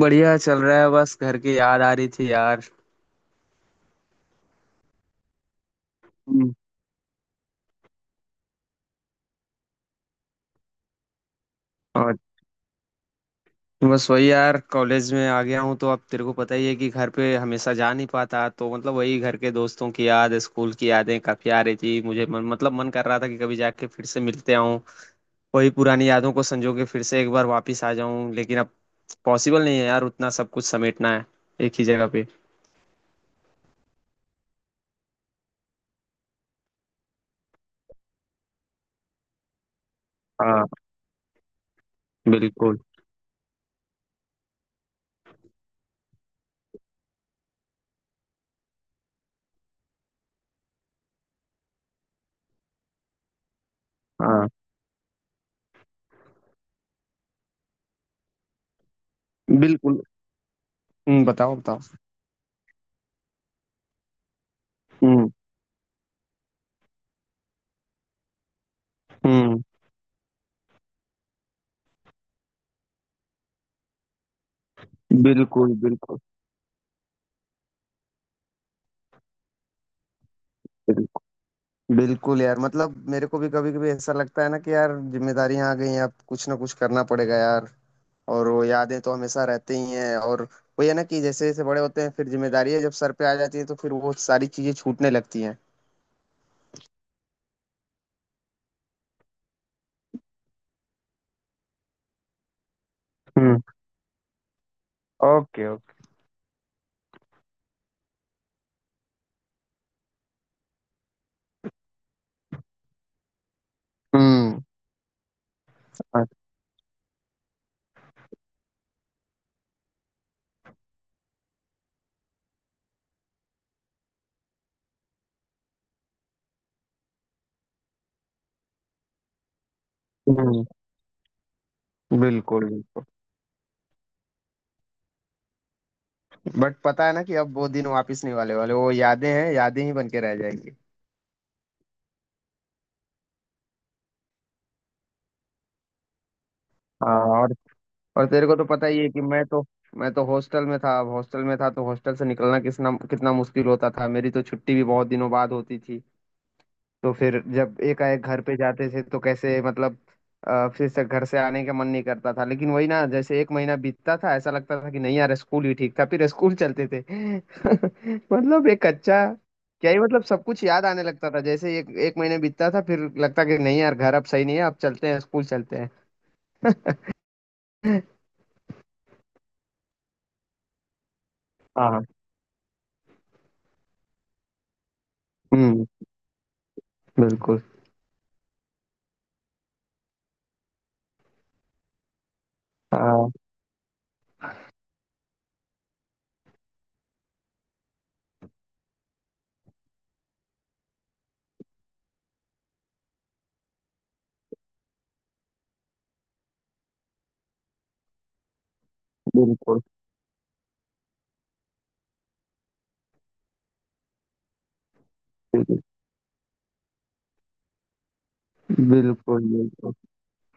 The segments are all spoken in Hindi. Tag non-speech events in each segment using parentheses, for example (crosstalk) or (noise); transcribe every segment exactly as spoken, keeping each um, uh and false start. बढ़िया चल रहा है, बस घर की याद आ रही थी यार। हम्म। और, बस वही यार, कॉलेज में आ गया हूँ तो अब तेरे को पता ही है कि घर पे हमेशा जा नहीं पाता, तो मतलब वही घर के दोस्तों की याद, स्कूल की यादें काफी आ रही थी मुझे। मन, मतलब मन कर रहा था कि कभी जाके फिर से मिलते आऊँ। वही पुरानी यादों को संजो के फिर से एक बार वापिस आ जाऊँ, लेकिन अब पॉसिबल नहीं है यार, उतना सब कुछ समेटना है एक ही जगह पे। हाँ, बिल्कुल। हाँ, बिल्कुल। हम्म, बताओ बताओ। हम्म। हम्म। बिल्कुल बिल्कुल। बिल्कुल बिल्कुल यार, मतलब मेरे को भी कभी कभी ऐसा लगता है ना कि यार, जिम्मेदारियां आ गई हैं, अब कुछ ना कुछ करना पड़ेगा यार। और वो यादें तो हमेशा रहती ही हैं। और वो ये ना कि जैसे जैसे बड़े होते हैं, फिर जिम्मेदारियां जब सर पे आ जाती है, तो फिर वो सारी चीजें छूटने लगती हैं। हम्म। Okay okay. हम्म। हम्म, बिल्कुल बिल्कुल। बट पता है ना कि अब वो दिन वापस नहीं वाले वाले, वो यादें हैं, यादें ही बन के रह जाएंगी। हाँ। और और तेरे को तो पता ही है कि मैं तो मैं तो हॉस्टल में था। अब हॉस्टल में था तो हॉस्टल से निकलना कितना कितना मुश्किल होता था, मेरी तो छुट्टी भी बहुत दिनों बाद होती थी। तो फिर जब एकाएक घर पे जाते थे तो कैसे, मतलब अ, फिर से घर से आने का मन नहीं करता था। लेकिन वही ना, जैसे एक महीना बीतता था ऐसा लगता था कि नहीं यार, स्कूल ही ठीक था, फिर स्कूल चलते थे। (laughs) मतलब एक अच्छा क्या ही, मतलब सब कुछ याद आने लगता था। जैसे एक एक महीना बीतता था, फिर लगता कि नहीं यार, घर अब सही नहीं है, अब चलते हैं, स्कूल चलते हैं। हाँ हाँ। हम्म। बिल्कुल बिल्कुल बिल्कुल। बिल्कुल बिल्कुल।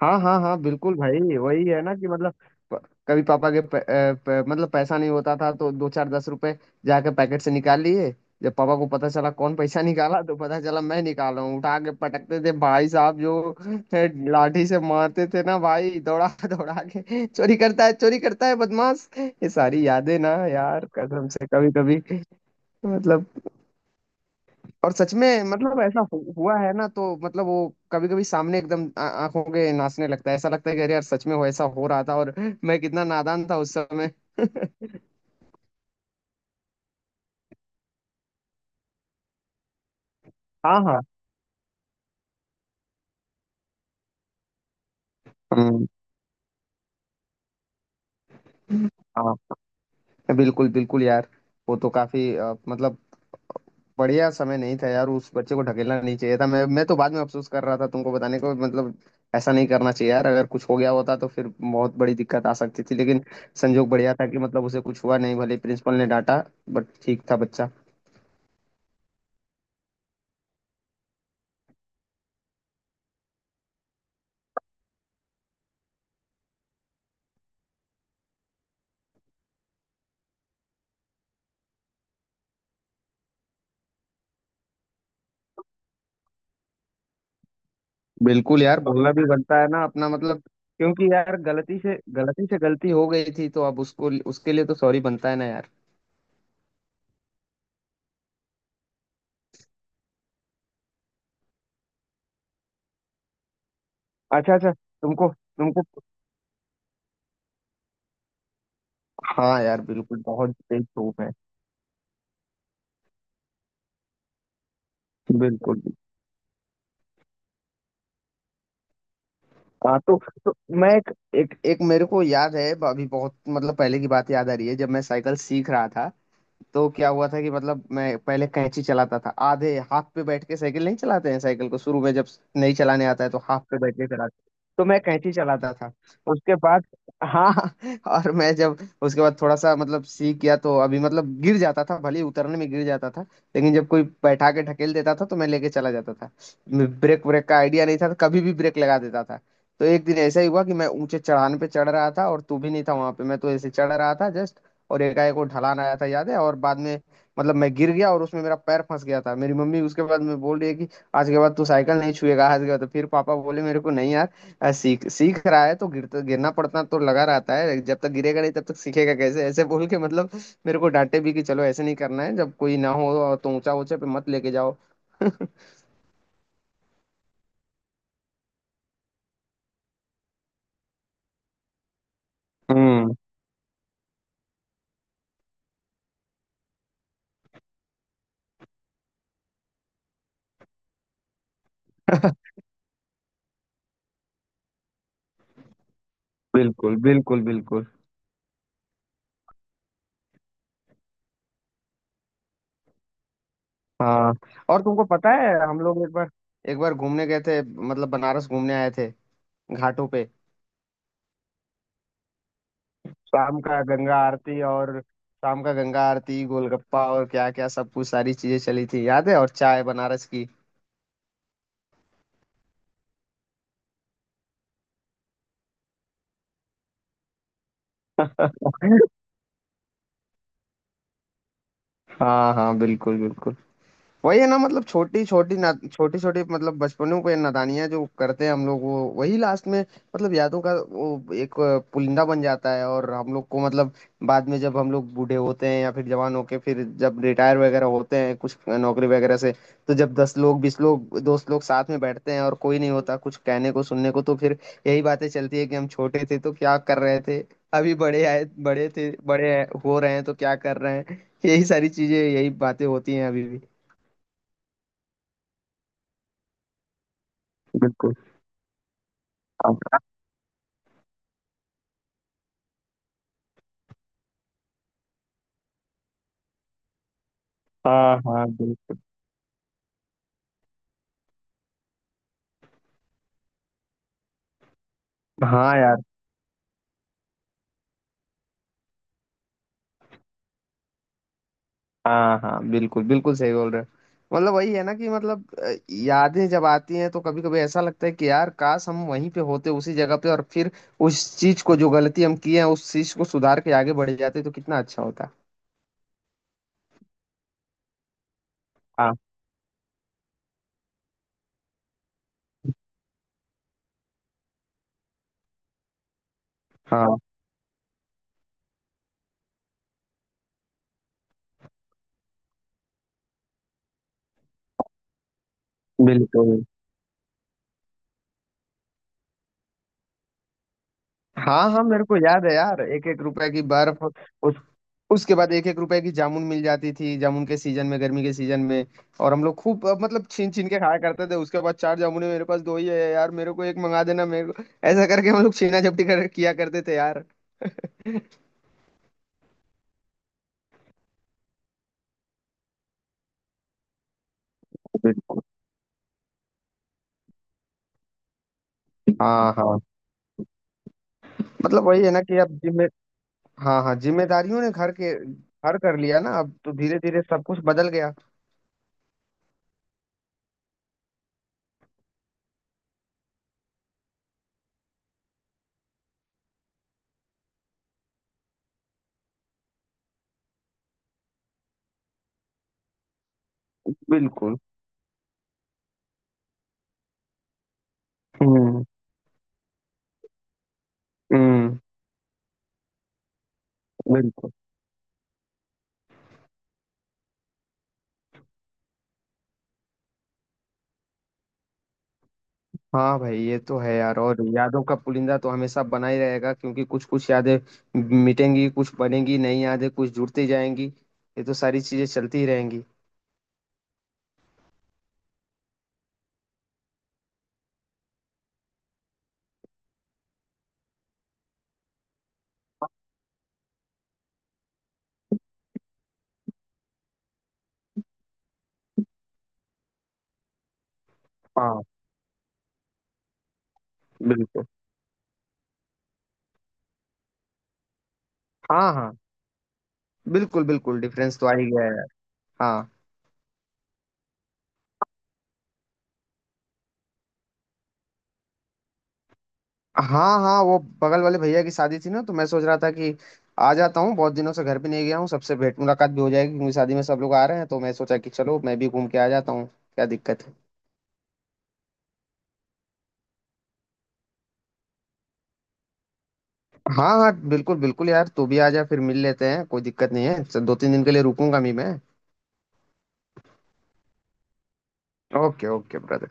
हाँ हाँ हाँ, बिल्कुल भाई, वही है ना कि मतलब, प- कभी पापा के प, अ, प, मतलब पैसा नहीं होता था, तो दो चार दस रुपए जाके पैकेट से निकाल लिए। जब पापा को पता चला कौन पैसा निकाला, तो पता चला मैं निकाला हूँ, उठा के पटकते थे भाई साहब। जो है, लाठी से मारते थे ना भाई, दौड़ा (laughs) दौड़ा के, चोरी करता है, चोरी करता है बदमाश। ये सारी यादें ना यार, कसम से कभी कभी, मतलब। और सच में मतलब ऐसा हु- हुआ है ना, तो मतलब वो कभी कभी सामने एकदम आ- आंखों के नाचने लगता है। ऐसा लगता है कि अरे यार सच में वो ऐसा हो रहा था, और मैं कितना नादान था उस समय। हाँ हाँ। हम्म। हाँ, बिल्कुल बिल्कुल यार। वो तो काफी, अ, मतलब बढ़िया समय नहीं था यार, उस बच्चे को ढकेलना नहीं चाहिए था। मैं मैं तो बाद में अफसोस कर रहा था तुमको बताने को। मतलब ऐसा नहीं करना चाहिए यार, अगर कुछ हो गया होता तो फिर बहुत बड़ी दिक्कत आ सकती थी। लेकिन संजोग बढ़िया था कि मतलब उसे कुछ हुआ नहीं, भले प्रिंसिपल ने डांटा, बट ठीक था बच्चा। बिल्कुल यार, बोलना भी बनता है ना अपना, मतलब क्योंकि यार, गलती से गलती से गलती हो गई थी, तो अब उसको, उसके लिए तो सॉरी बनता है ना यार। अच्छा अच्छा, तुमको तुमको हाँ यार, बिल्कुल, बहुत तेज धूप है। बिल्कुल। हाँ, तो, तो मैं, एक, एक एक मेरे को याद है। अभी बहुत, मतलब पहले की बात याद आ रही है, जब मैं साइकिल सीख रहा था, तो क्या हुआ था कि मतलब मैं पहले कैंची चलाता था, आधे हाथ पे बैठ के, साइकिल नहीं चलाते हैं साइकिल को शुरू में, जब नहीं चलाने आता है तो हाथ पे बैठ के चलाते। तो मैं कैंची चलाता था उसके बाद। हाँ। (laughs) और मैं जब, उसके बाद थोड़ा सा मतलब सीख गया, तो अभी मतलब गिर जाता था, भले ही उतरने में गिर जाता था। लेकिन जब कोई बैठा के ढकेल देता था तो मैं लेके चला जाता था। ब्रेक ब्रेक का आइडिया नहीं था, तो कभी भी ब्रेक लगा देता था। तो एक दिन ऐसा ही हुआ कि मैं ऊंचे चढ़ान पे चढ़ रहा था, और तू भी नहीं था वहां पे। मैं तो ऐसे चढ़ रहा था जस्ट, और एकाएक वो ढलान आया था याद है। और बाद में मतलब मैं गिर गया, और उसमें मेरा पैर फंस गया था। मेरी मम्मी उसके बाद में बोल रही है कि आज के बाद तू साइकिल नहीं छुएगा। आज के बाद तो फिर पापा बोले मेरे को, नहीं यार, आ, सीख सीख रहा है तो गिरता गिरना पड़ता, तो लगा रहता है, जब तक गिरेगा नहीं तब तक सीखेगा कैसे। ऐसे बोल के मतलब, मेरे को डांटे भी कि चलो ऐसे नहीं करना है, जब कोई ना हो तो ऊंचा ऊंचा पे मत लेके जाओ। हम्म। (laughs) बिल्कुल बिल्कुल बिल्कुल। हाँ। और तुमको पता है हम लोग एक बार एक बार घूमने गए थे, मतलब बनारस घूमने आए थे, घाटों पे। शाम का गंगा आरती, और शाम का गंगा आरती, गोलगप्पा, और क्या क्या सब कुछ, सारी चीजें चली थी याद है, और चाय बनारस की। (laughs) हाँ हाँ, बिल्कुल बिल्कुल। वही है ना मतलब, छोटी छोटी ना छोटी छोटी, मतलब बचपनों पे नादानियां जो करते हैं हम लोग, वो वही लास्ट में, मतलब यादों का वो एक अ, पुलिंदा बन जाता है। और हम लोग को मतलब बाद में, जब हम लोग बूढ़े होते हैं, या फिर जवान होके, फिर जब रिटायर वगैरह होते हैं कुछ नौकरी वगैरह से, तो जब दस लोग बीस लोग दोस्त लोग साथ में बैठते हैं, और कोई नहीं होता कुछ कहने को सुनने को, तो फिर यही बातें चलती है कि हम छोटे थे तो क्या कर रहे थे, अभी बड़े आए बड़े थे बड़े हो रहे हैं तो क्या कर रहे हैं। यही सारी चीजें, यही बातें होती हैं अभी भी। बिल्कुल। अब- हाँ हाँ, बिल्कुल। हाँ यार। हाँ हाँ, बिल्कुल बिल्कुल, सही बोल रहे हो। मतलब वही है ना कि मतलब अ, यादें जब आती हैं तो कभी कभी ऐसा लगता है कि यार काश हम वहीं पे होते, उसी जगह पे, और फिर उस चीज को जो गलती हम किए हैं, उस चीज को सुधार के आगे बढ़ जाते, तो कितना अच्छा होता। हाँ हाँ, बिल्कुल। हाँ हाँ, मेरे को याद है यार, एक एक रुपए की बर्फ। उस उसके बाद एक एक रुपए की जामुन मिल जाती थी, जामुन के सीजन में, गर्मी के सीजन में। और हम लोग खूब, अ, मतलब छीन छीन के खाया करते थे। उसके बाद, चार जामुन मेरे पास, दो ही है यार, मेरे को एक मंगा देना, मेरे को, ऐसा करके हम लोग छीना झपटी कर किया करते थे यार। (laughs) हाँ हाँ। मतलब वही है ना कि अब, जिम्मे हाँ हाँ, जिम्मेदारियों ने घर के घर कर लिया ना, अब तो धीरे धीरे सब कुछ बदल गया। बिल्कुल। हम्म। हम्म, बिल्कुल। हाँ भाई ये तो है यार, और यादों का पुलिंदा तो हमेशा बना ही रहेगा, क्योंकि कुछ कुछ यादें मिटेंगी, कुछ बनेंगी नई यादें, कुछ जुड़ती जाएंगी, ये तो सारी चीजें चलती ही रहेंगी। हाँ, बिल्कुल। हाँ हाँ, बिल्कुल बिल्कुल, डिफरेंस तो आ ही गया है। हाँ। हाँ हाँ, वो बगल वाले भैया की शादी थी ना, तो मैं सोच रहा था कि आ जाता हूँ, बहुत दिनों से घर भी नहीं गया हूँ, सबसे भेंट मुलाकात भी हो जाएगी, क्योंकि शादी में सब लोग आ रहे हैं, तो मैं सोचा कि चलो मैं भी घूम के आ जाता हूँ, क्या दिक्कत है। हाँ हाँ, बिल्कुल बिल्कुल यार, तू भी आ जा, फिर मिल लेते हैं, कोई दिक्कत नहीं है। चल, दो तीन दिन के लिए रुकूंगा मैं मैं ओके ओके ब्रदर।